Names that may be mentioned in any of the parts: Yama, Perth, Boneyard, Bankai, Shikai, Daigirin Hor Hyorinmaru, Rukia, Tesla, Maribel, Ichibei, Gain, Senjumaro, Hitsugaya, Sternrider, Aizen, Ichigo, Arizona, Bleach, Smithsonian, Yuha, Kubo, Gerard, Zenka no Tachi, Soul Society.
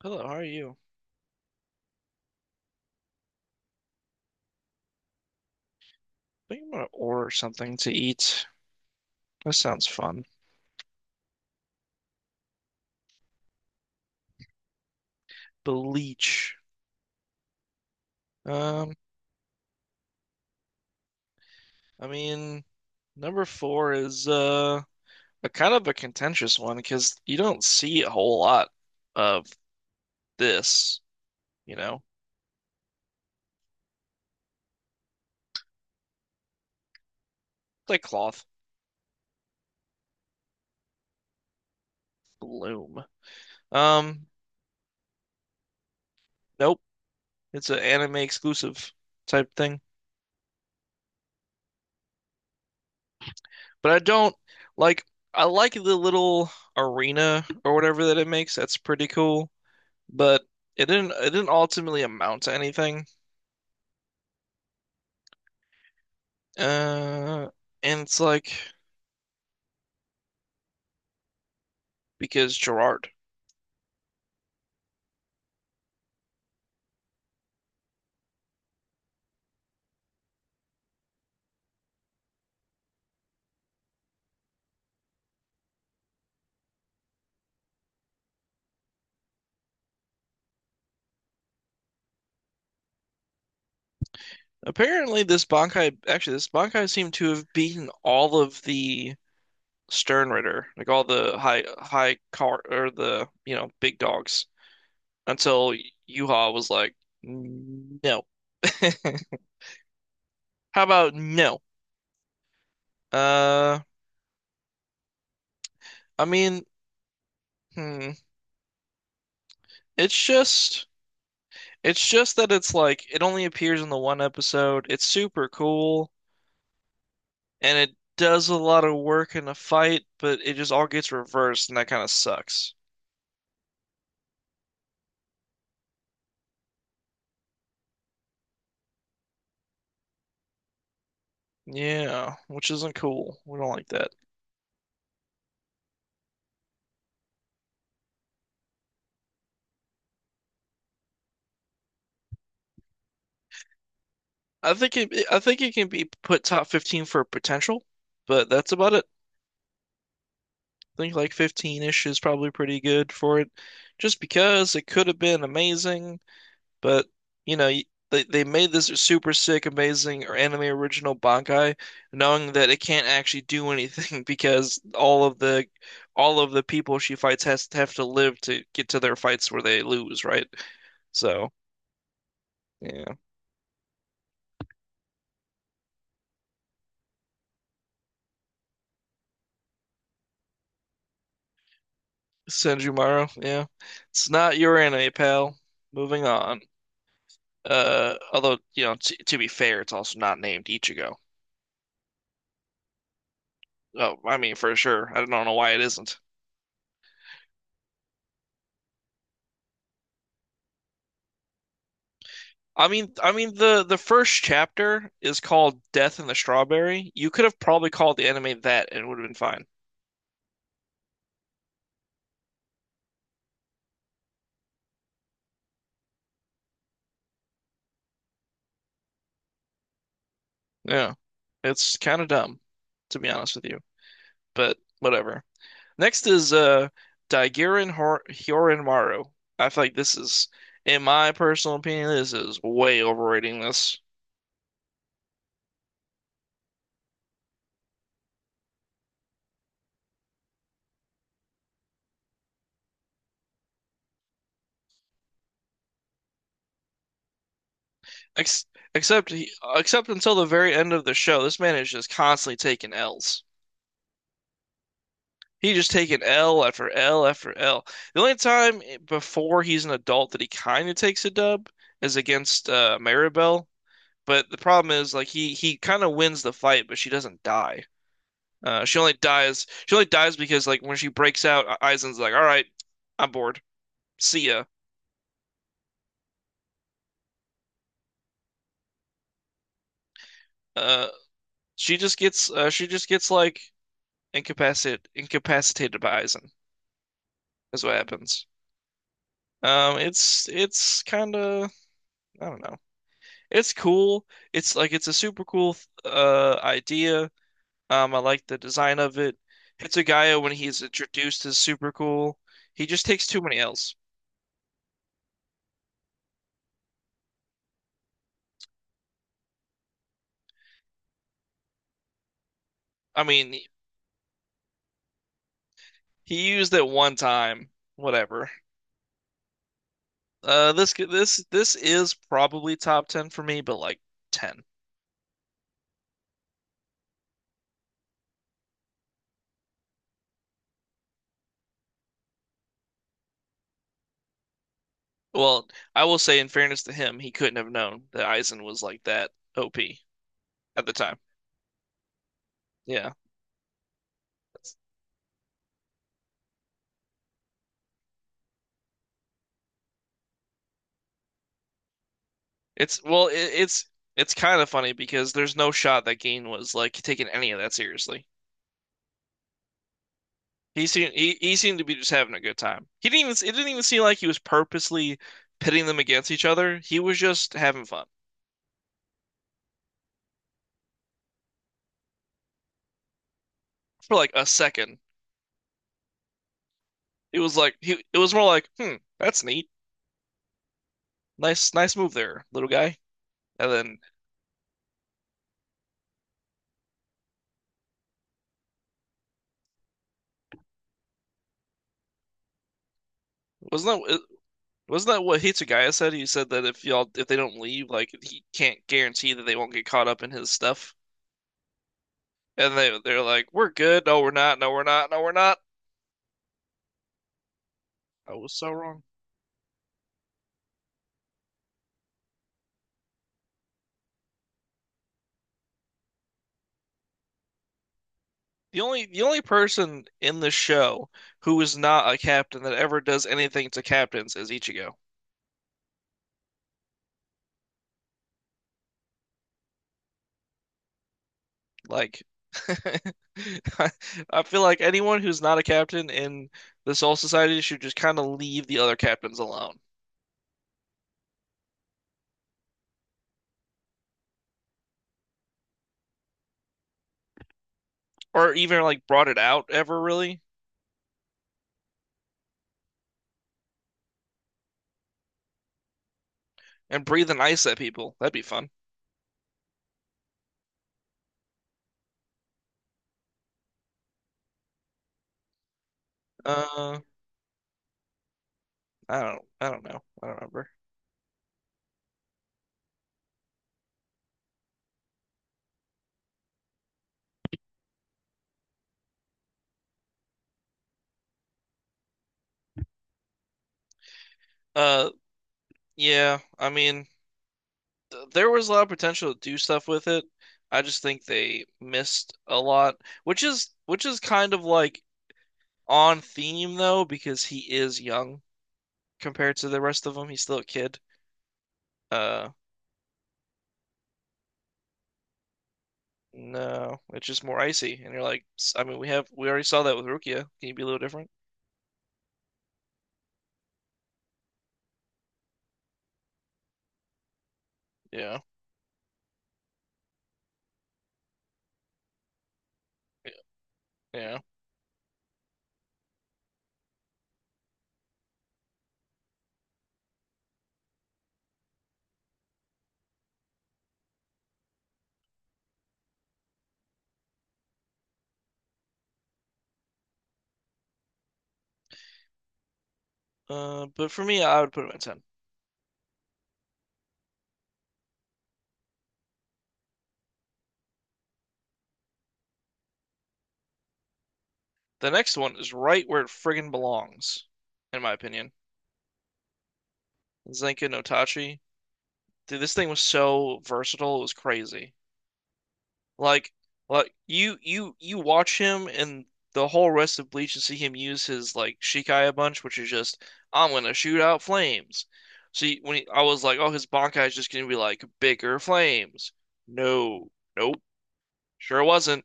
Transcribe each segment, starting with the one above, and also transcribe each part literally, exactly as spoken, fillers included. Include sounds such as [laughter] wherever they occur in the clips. Hello, how are you? I think I'm gonna order something to eat. That sounds fun. Bleach. Um, I mean, number four is uh a kind of a contentious one because you don't see a whole lot of this, you know? It's like cloth bloom. Um, nope. It's an anime exclusive type thing. But I don't like I like the little arena or whatever that it makes. That's pretty cool. But it didn't it didn't ultimately amount to anything. Uh, and it's like because Gerard. Apparently, this Bankai actually this Bankai seemed to have beaten all of the Sternrider like all the high high car or the you know big dogs, until Yuha was like, no. [laughs] How about no? Uh, I mean, hmm. It's just it's just that it's like it only appears in the one episode. It's super cool. And it does a lot of work in a fight, but it just all gets reversed, and that kind of sucks. Yeah, which isn't cool. We don't like that. I think it, I think it can be put top fifteen for potential, but that's about it. I think like fifteen-ish is probably pretty good for it, just because it could have been amazing. But you know, y- they they made this super sick, amazing or anime original Bankai, knowing that it can't actually do anything [laughs] because all of the all of the people she fights has to have to live to get to their fights where they lose, right? So yeah, Senjumaro, yeah, it's not your anime, pal. Moving on. Uh, although you know, t to be fair, it's also not named Ichigo. Oh, I mean, for sure. I don't know why it isn't. I mean, I mean the the first chapter is called Death in the Strawberry. You could have probably called the anime that and it would have been fine. Yeah. It's kind of dumb, to be honest with you, but whatever. Next is uh Daigirin Hor Hyorinmaru. I feel like this is, in my personal opinion, this is way overrating this. Ex except he, except until the very end of the show, this man is just constantly taking L's. He just taken L after L after L. The only time before he's an adult that he kind of takes a dub is against uh, Maribel. But the problem is, like he he kind of wins the fight, but she doesn't die. Uh, she only dies. She only dies because like when she breaks out, uh, Aizen's like, "All right, I'm bored. See ya." Uh, she just gets uh, she just gets like incapacit incapacitated by Aizen is what happens. Um, it's it's kind of I don't know. It's cool. It's like it's a super cool uh idea. Um, I like the design of it. Hitsugaya, when he's introduced, is super cool. He just takes too many L's. I mean, he used it one time. Whatever. Uh, this this this is probably top ten for me, but like ten. Well, I will say, in fairness to him, he couldn't have known that Aizen was like that O P at the time. Yeah. It's well, it, it's it's kind of funny because there's no shot that Gain was like taking any of that seriously. He seemed he, he seemed to be just having a good time. He didn't even it didn't even seem like he was purposely pitting them against each other. He was just having fun for like a second. It was like he it was more like, hmm, that's neat, nice nice move there, little guy. And then wasn't that wasn't that what Hitsugaya said? He said that if y'all if they don't leave, like he can't guarantee that they won't get caught up in his stuff. And they they're like, we're good. No, we're not. No, we're not. No, we're not. I was so wrong. The only the only person in the show who is not a captain that ever does anything to captains is Ichigo. Like [laughs] I, I feel like anyone who's not a captain in the Soul Society should just kind of leave the other captains alone. Or even like brought it out ever really and breathing ice at people. That'd be fun. Uh I don't I don't know. I don't remember. Uh yeah, I mean th- there was a lot of potential to do stuff with it. I just think they missed a lot, which is which is kind of like on theme though, because he is young compared to the rest of them. He's still a kid. Uh, no, it's just more icy, and you're like, s- I mean, we have we already saw that with Rukia. Can you be a little different? Yeah, yeah. Yeah. Uh, but for me, I would put him at ten. The next one is right where it friggin' belongs, in my opinion. Zenka no Tachi. Dude, this thing was so versatile, it was crazy. Like, like you you you watch him and the whole rest of Bleach and see him use his like Shikai a bunch, which is just I'm gonna shoot out flames. See, when he, I was like, oh, his Bankai is just gonna be like bigger flames. No, nope, sure wasn't,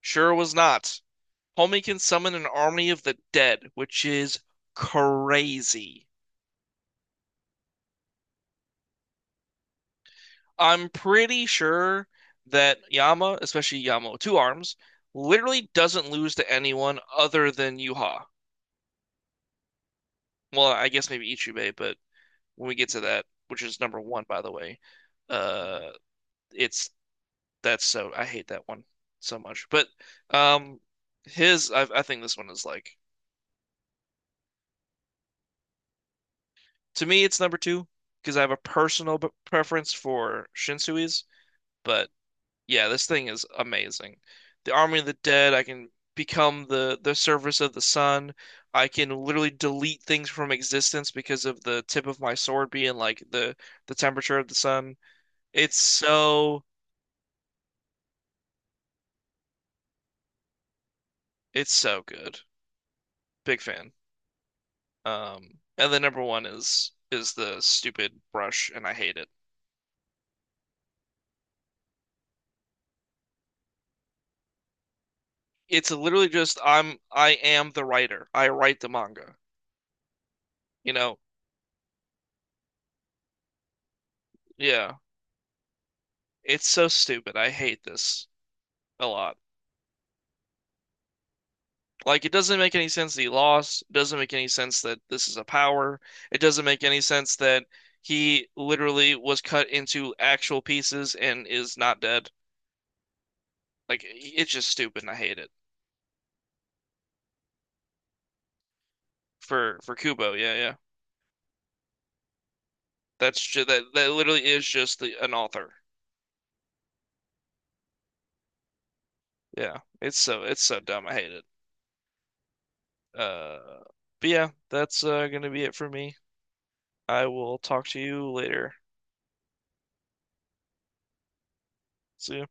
sure was not. Homie can summon an army of the dead, which is crazy. I'm pretty sure that Yama, especially Yama with two arms, literally doesn't lose to anyone other than Yuha. Well, I guess maybe Ichibei, but when we get to that, which is number one, by the way, uh, it's that's so I hate that one so much. But um, his I, I think this one is like to me it's number two because I have a personal b- preference for Shinsui's, but yeah, this thing is amazing. The Army of the Dead, I can become the the surface of the sun. I can literally delete things from existence because of the tip of my sword being like the the temperature of the sun. It's so it's so good. Big fan. Um, and the number one is is the stupid brush, and I hate it. It's literally just I'm I am the writer. I write the manga. You know, yeah. It's so stupid. I hate this a lot. Like it doesn't make any sense that he lost. It doesn't make any sense that this is a power. It doesn't make any sense that he literally was cut into actual pieces and is not dead. Like it's just stupid and I hate it. For for Kubo, yeah, yeah. That's just that, that literally is just the an author. Yeah, it's so it's so dumb. I hate it. Uh, but yeah, that's uh, gonna be it for me. I will talk to you later. See ya.